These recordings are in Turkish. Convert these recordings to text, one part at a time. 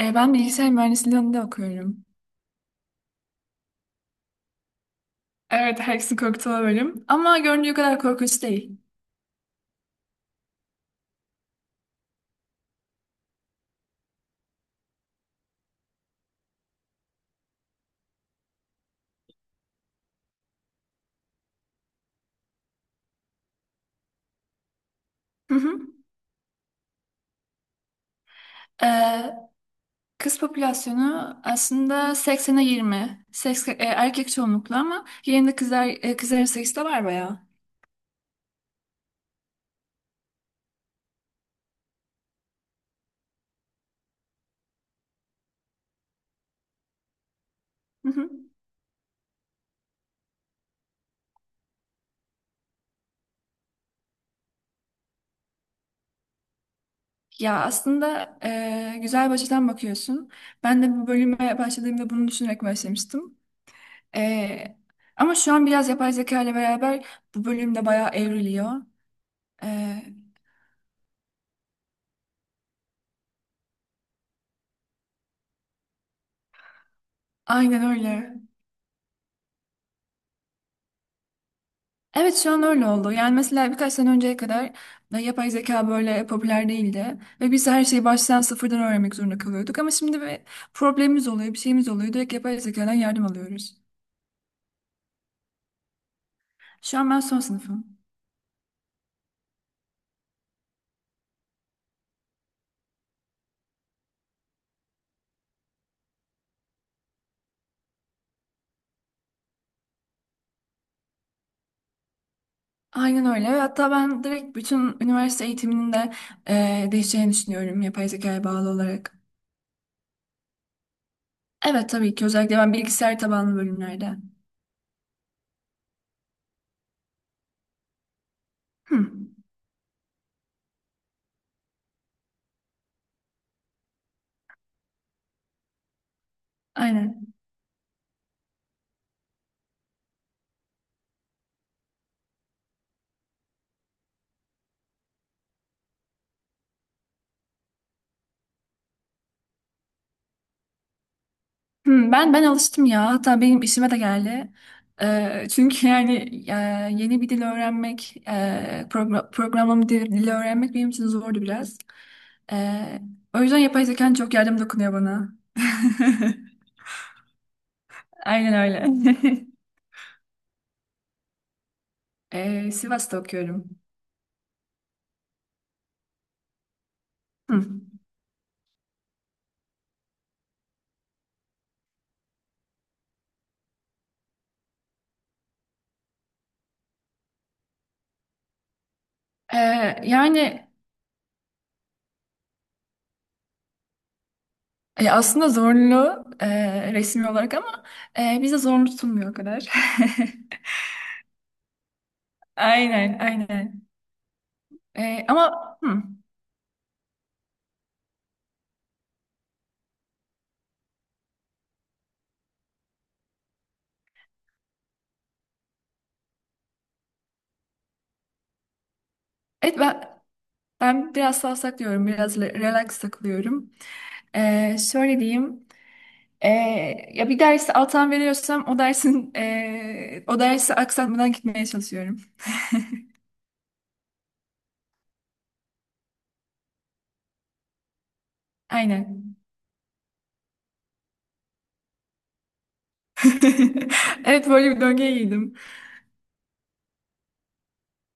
Ben bilgisayar mühendisliği alanında okuyorum. Evet, herkesin korktuğu bölüm. Ama göründüğü kadar korkunç değil. Hı hı. E, kız popülasyonu aslında seksene 20, erkek çoğunluklu ama yerinde kızlar, kızların sayısı da var bayağı. Hı hı. Ya aslında güzel bir açıdan bakıyorsun. Ben de bu bölüme başladığımda bunu düşünerek başlamıştım. E, ama şu an biraz yapay zeka ile beraber bu bölümde bayağı evriliyor. E, aynen öyle. Evet şu an öyle oldu. Yani mesela birkaç sene önceye kadar yapay zeka böyle popüler değildi. Ve biz her şeyi baştan sıfırdan öğrenmek zorunda kalıyorduk. Ama şimdi bir problemimiz oluyor, bir şeyimiz oluyor. Direkt yapay zekadan yardım alıyoruz. Şu an ben son sınıfım. Aynen öyle. Ve hatta ben direkt bütün üniversite eğitiminin de değişeceğini düşünüyorum yapay zekaya bağlı olarak. Evet tabii ki özellikle ben bilgisayar tabanlı bölümlerde. Hı, aynen. Hmm, ben alıştım ya. Hatta benim işime de geldi. Çünkü yani e, yeni bir dil öğrenmek, programlama dili öğrenmek benim için zordu biraz. Ee, o yüzden yapay zekanın çok yardım dokunuyor bana. Aynen öyle. Sivas'ta okuyorum. Hı. Ee, yani aslında zorlu resmi olarak ama bize zorlu tutulmuyor o kadar. Aynen, aynen. Ama hı. Evet ben Ben biraz savsak diyorum, biraz relax takılıyorum. Şöyle diyeyim, ee, ya bir dersi alttan veriyorsam o dersin o dersi aksatmadan gitmeye çalışıyorum. Aynen. Evet böyle bir döngüye girdim.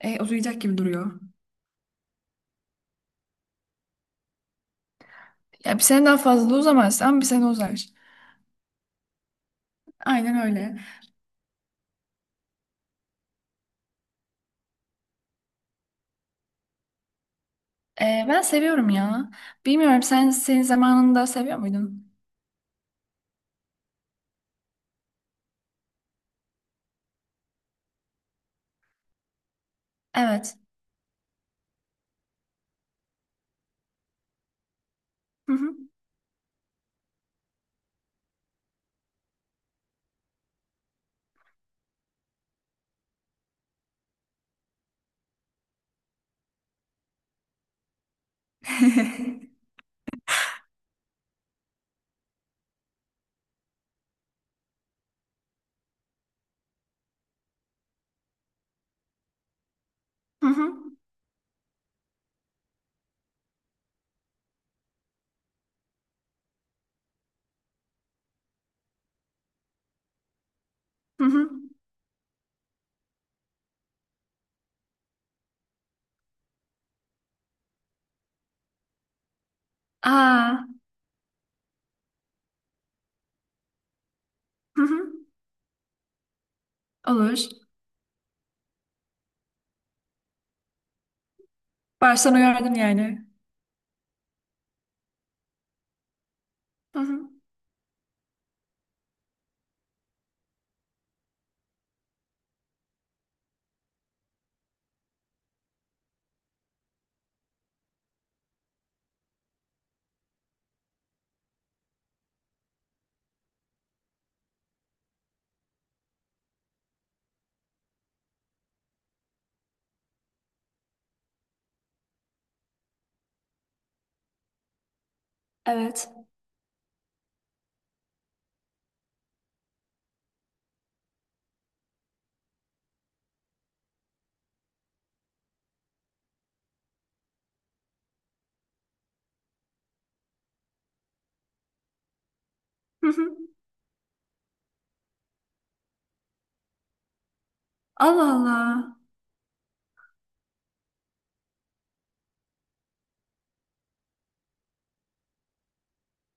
Uzayacak gibi duruyor. Ya bir sene daha fazla da uzamaz ama bir sene uzar. Aynen öyle. Ben seviyorum ya. Bilmiyorum sen senin zamanında seviyor muydun? Evet. Hı hı. Hı hı. Hı hı. Aa. Hı hı. Olur. Baştan uyardın yani. Hı hı. Evet. Hı hı. Allah Allah.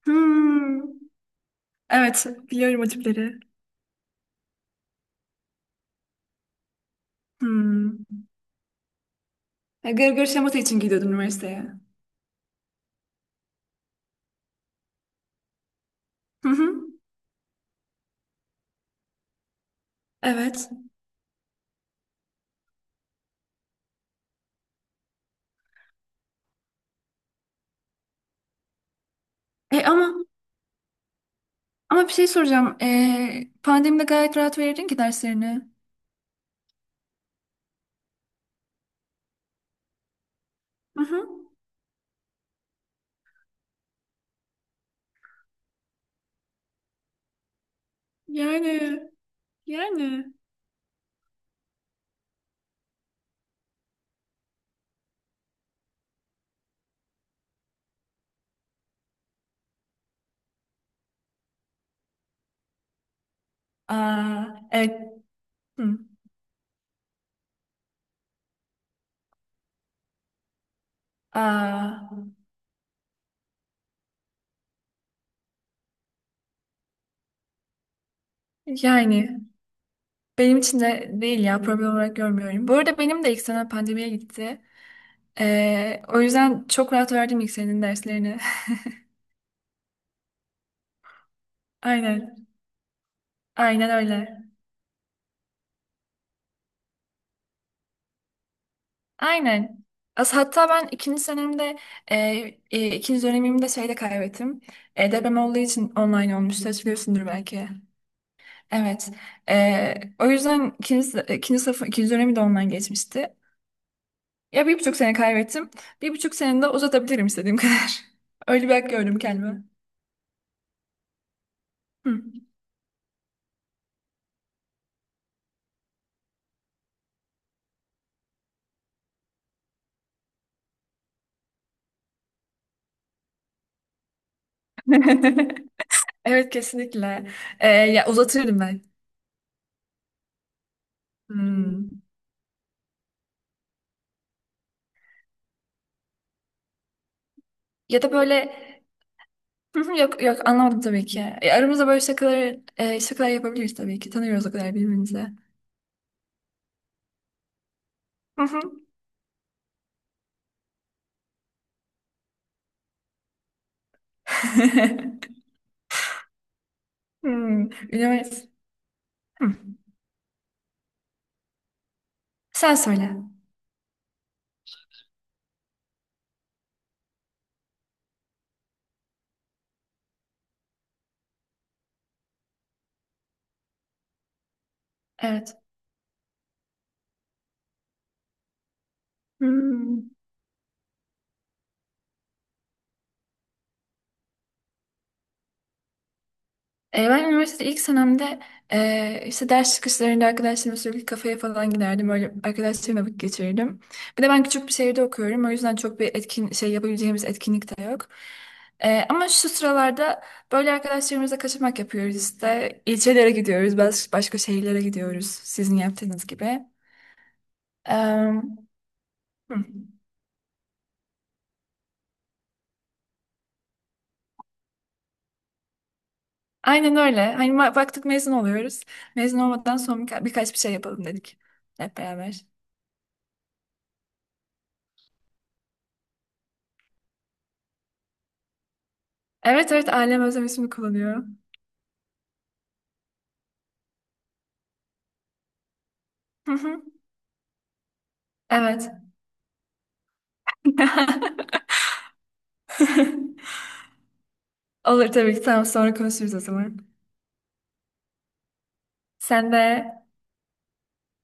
Hmm. Evet, biliyorum o tipleri. Hmm. Ya, gırgır şamata için gidiyordun üniversiteye. Hı hı. Evet. E, ama ama bir şey soracağım. E, pandemide gayet rahat verirdin ki derslerini. Hı hı. Yani yani. Aa, evet. Hı. Aa, yani benim için de değil ya, problem olarak görmüyorum. Bu arada benim de ilk sene pandemiye gitti. O yüzden çok rahat verdim ilk senin derslerini. Aynen. Aynen öyle. Aynen. As hatta ben ikinci senemde e, ikinci dönemimde şeyde kaybettim. E, deprem olduğu için online olmuştu. Hatırlıyorsundur belki. Evet. O yüzden ikinci sınıf ikinci dönemi de online geçmişti. Ya bir buçuk sene kaybettim. Bir buçuk sene de uzatabilirim istediğim kadar. Öyle bir hak gördüm kendime. Hı. Evet kesinlikle. Ya uzatırdım ben. Hmm. Ya da böyle "Hı hı, yok yok anlamadım tabii ki. Aramızda böyle şakalar yapabiliriz tabii ki. Tanıyoruz o kadar birbirimizi. Hı hı. Hmm, üniversite. Hı. Sen söyle. Evet. Hmm. Ben üniversitede ilk senemde işte ders çıkışlarında arkadaşlarımla sürekli kafeye falan giderdim. Öyle arkadaşlarımla vakit geçirirdim. Bir de ben küçük bir şehirde okuyorum. O yüzden çok bir etkin şey yapabileceğimiz etkinlik de yok. Ama şu sıralarda böyle arkadaşlarımızla kaçamak yapıyoruz işte. İlçelere gidiyoruz, başka şehirlere gidiyoruz sizin yaptığınız gibi. Em, hı. Aynen öyle. Hani baktık mezun oluyoruz. Mezun olmadan sonra birkaç bir şey yapalım dedik hep beraber. Evet evet, ailem özlemesini kullanıyor. Hı hı. Evet. Olur tabii ki. Tamam, sonra konuşuruz o zaman. Sen de